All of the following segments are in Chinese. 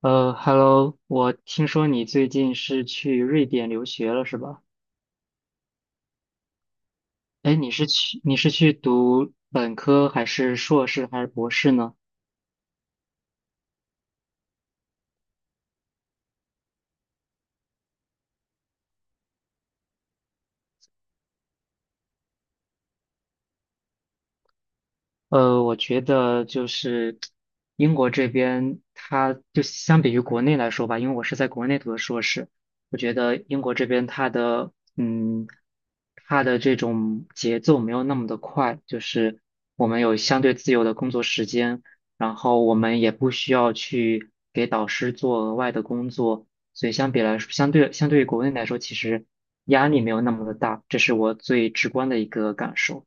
Hello，我听说你最近是去瑞典留学了，是吧？哎，你是去读本科还是硕士还是博士呢？我觉得就是英国这边，它就相比于国内来说吧，因为我是在国内读的硕士。我觉得英国这边它的它的这种节奏没有那么的快，就是我们有相对自由的工作时间，然后我们也不需要去给导师做额外的工作，所以相比来说，相对于国内来说，其实压力没有那么的大，这是我最直观的一个感受。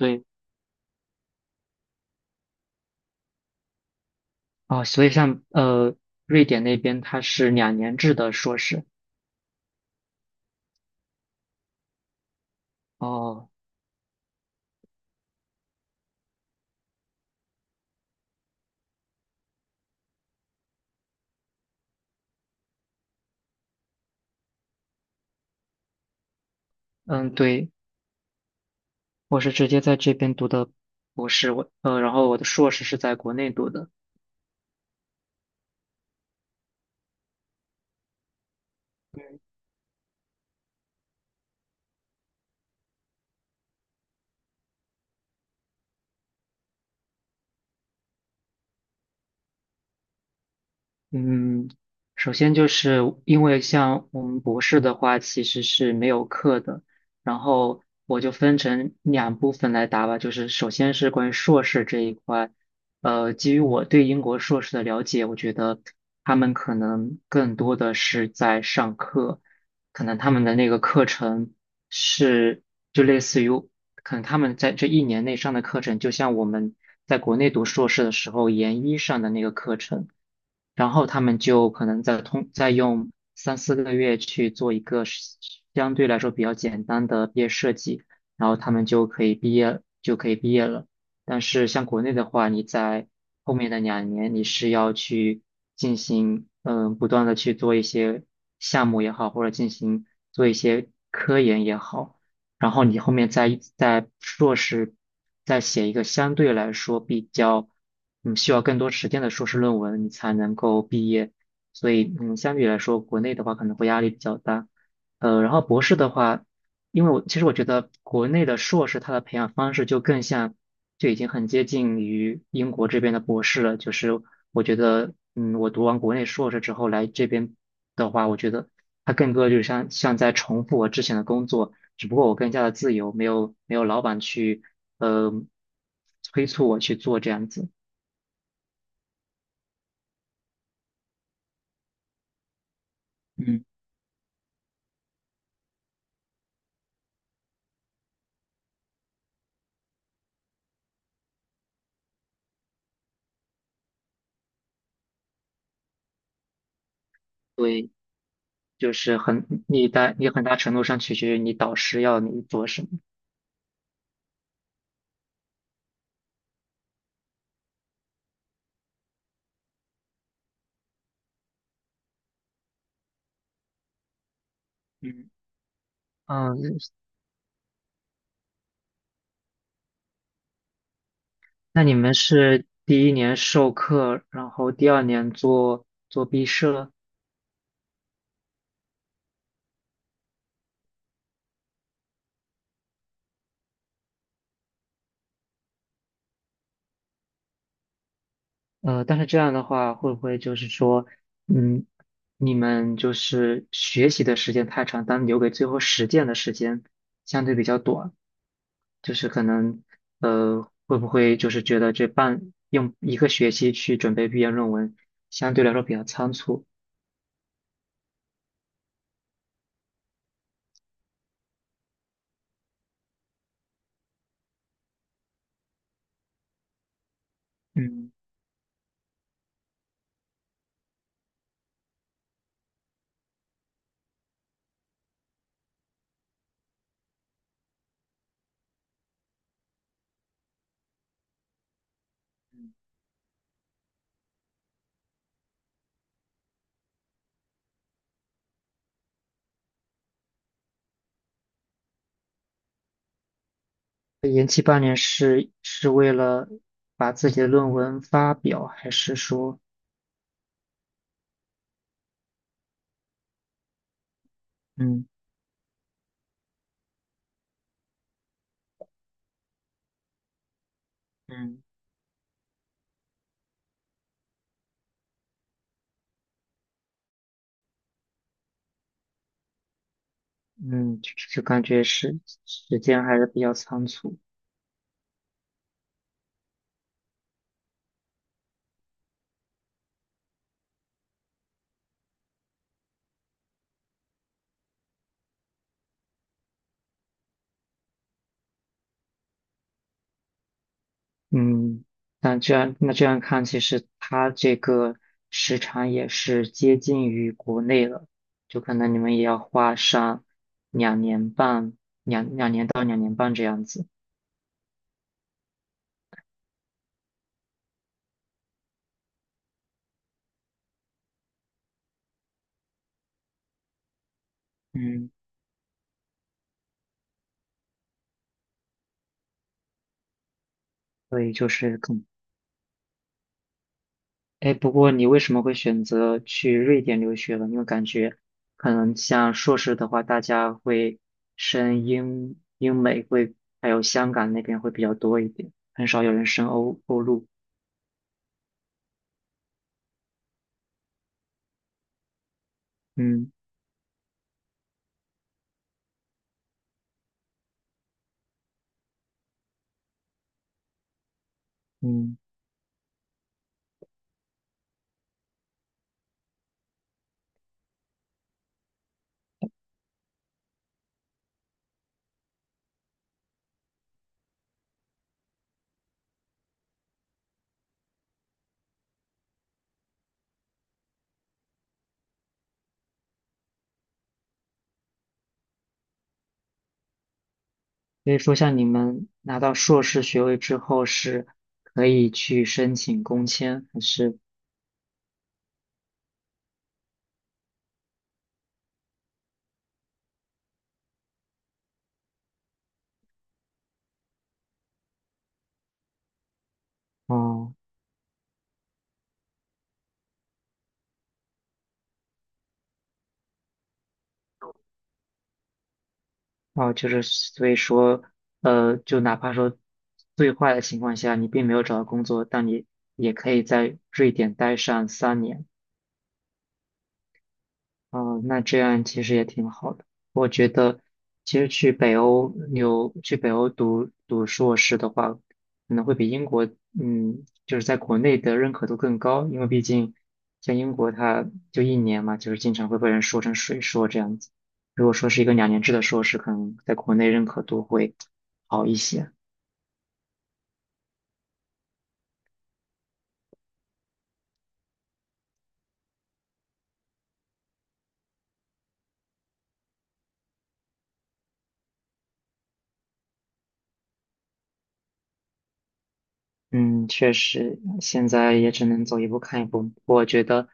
对。哦，所以像瑞典那边它是两年制的硕士。哦，嗯，对，我是直接在这边读的博士。然后我的硕士是在国内读的。嗯，首先就是因为像我们博士的话，其实是没有课的。然后我就分成两部分来答吧，就是首先是关于硕士这一块。基于我对英国硕士的了解，我觉得他们可能更多的是在上课，可能他们的那个课程是就类似于，可能他们在这一年内上的课程，就像我们在国内读硕士的时候研一上的那个课程。然后他们就可能再用3、4个月去做一个相对来说比较简单的毕业设计，然后他们就可以毕业了。但是像国内的话，你在后面的两年你是要去进行不断的去做一些项目也好，或者进行做一些科研也好。然后你后面再硕士再写一个相对来说比较，需要更多时间的硕士论文，你才能够毕业。所以，相比来说，国内的话可能会压力比较大。然后博士的话，因为其实我觉得国内的硕士它的培养方式就更像，就已经很接近于英国这边的博士了。就是我觉得，我读完国内硕士之后来这边的话，我觉得它更多就是像在重复我之前的工作。只不过我更加的自由，没有老板去呃催促我去做这样子。嗯，对，就是很你大你很大程度上取决于你导师要你做什么。嗯。嗯，那你们是第一年授课，然后第二年做做毕设？但是这样的话，会不会就是说，嗯，你们就是学习的时间太长，但留给最后实践的时间相对比较短？就是可能会不会就是觉得用一个学期去准备毕业论文，相对来说比较仓促。嗯，延期半年是为了把自己的论文发表，还是说？嗯嗯嗯，就感觉时间还是比较仓促。嗯，那这样看，其实它这个时长也是接近于国内了，就可能你们也要花上两年半，两年到两年半这样子。嗯，所以就是更，哎，不过你为什么会选择去瑞典留学了？因为感觉可能像硕士的话，大家会升英美会，还有香港那边会比较多一点，很少有人升欧陆。嗯嗯。所以说，像你们拿到硕士学位之后，是可以去申请工签，还是？哦哦，就是所以说，就哪怕说最坏的情况下，你并没有找到工作，但你也可以在瑞典待上3年。哦，那这样其实也挺好的。其实去北欧读读硕士的话，可能会比英国，就是在国内的认可度更高，因为毕竟像英国它就一年嘛，就是经常会被人说成水硕这样子。如果说是一个两年制的硕士，可能在国内认可度会好一些。嗯，确实，现在也只能走一步看一步。我觉得，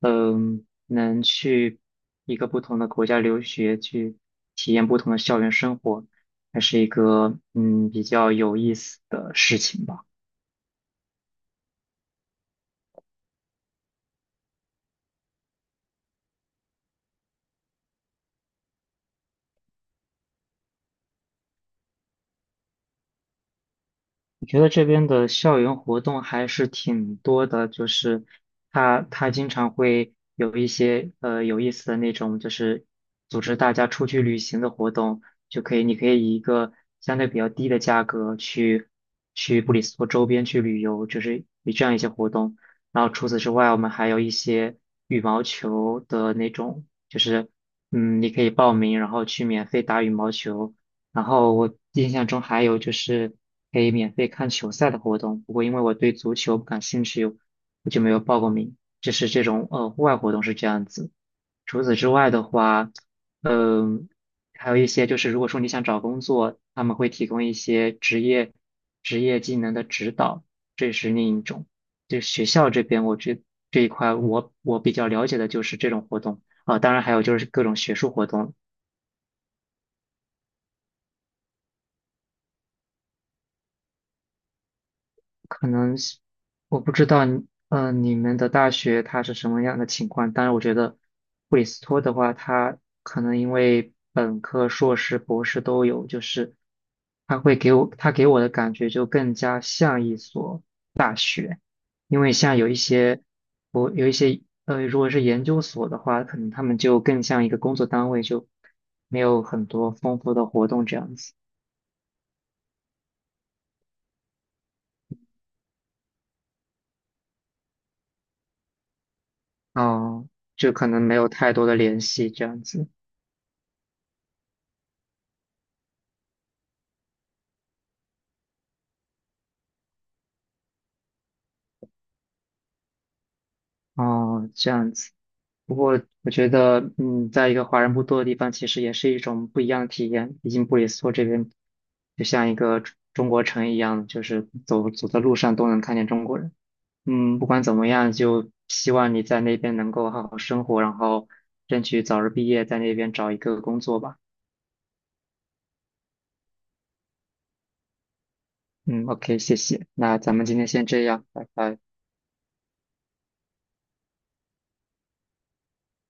能去一个不同的国家留学，去体验不同的校园生活，还是一个比较有意思的事情吧。我觉得这边的校园活动还是挺多的，就是他经常会有一些有意思的那种，就是组织大家出去旅行的活动，就可以你可以以一个相对比较低的价格去布里斯托周边去旅游，就是以这样一些活动。然后除此之外，我们还有一些羽毛球的那种，就是你可以报名，然后去免费打羽毛球。然后我印象中还有就是可以免费看球赛的活动，不过因为我对足球不感兴趣，我就没有报过名。就是这种户外活动是这样子。除此之外的话，嗯、还有一些就是如果说你想找工作，他们会提供一些职业技能的指导，这是另一种。就学校这边，这一块我比较了解的就是这种活动啊、当然还有就是各种学术活动。可能是我不知道你们的大学它是什么样的情况？但是我觉得布里斯托的话，它可能因为本科、硕士、博士都有，就是它会给我，它给我的感觉就更加像一所，因为像有一些，我有一些，如果是研究所的话，可能他们就更像一个工作单位，就没有很多丰富的活动这样子。啊，就可能没有太多的联系这样子。哦，这样子。不过我觉得，在一个华人不多的地方，其实也是一种不一样的体验。毕竟布里斯托这边就像一个中国城一样，就是走在路上都能看见中国人。嗯，不管怎么样，就希望你在那边能够好好生活，然后争取早日毕业，在那边找一个工作吧。嗯，OK,谢谢。那咱们今天先这样，拜拜。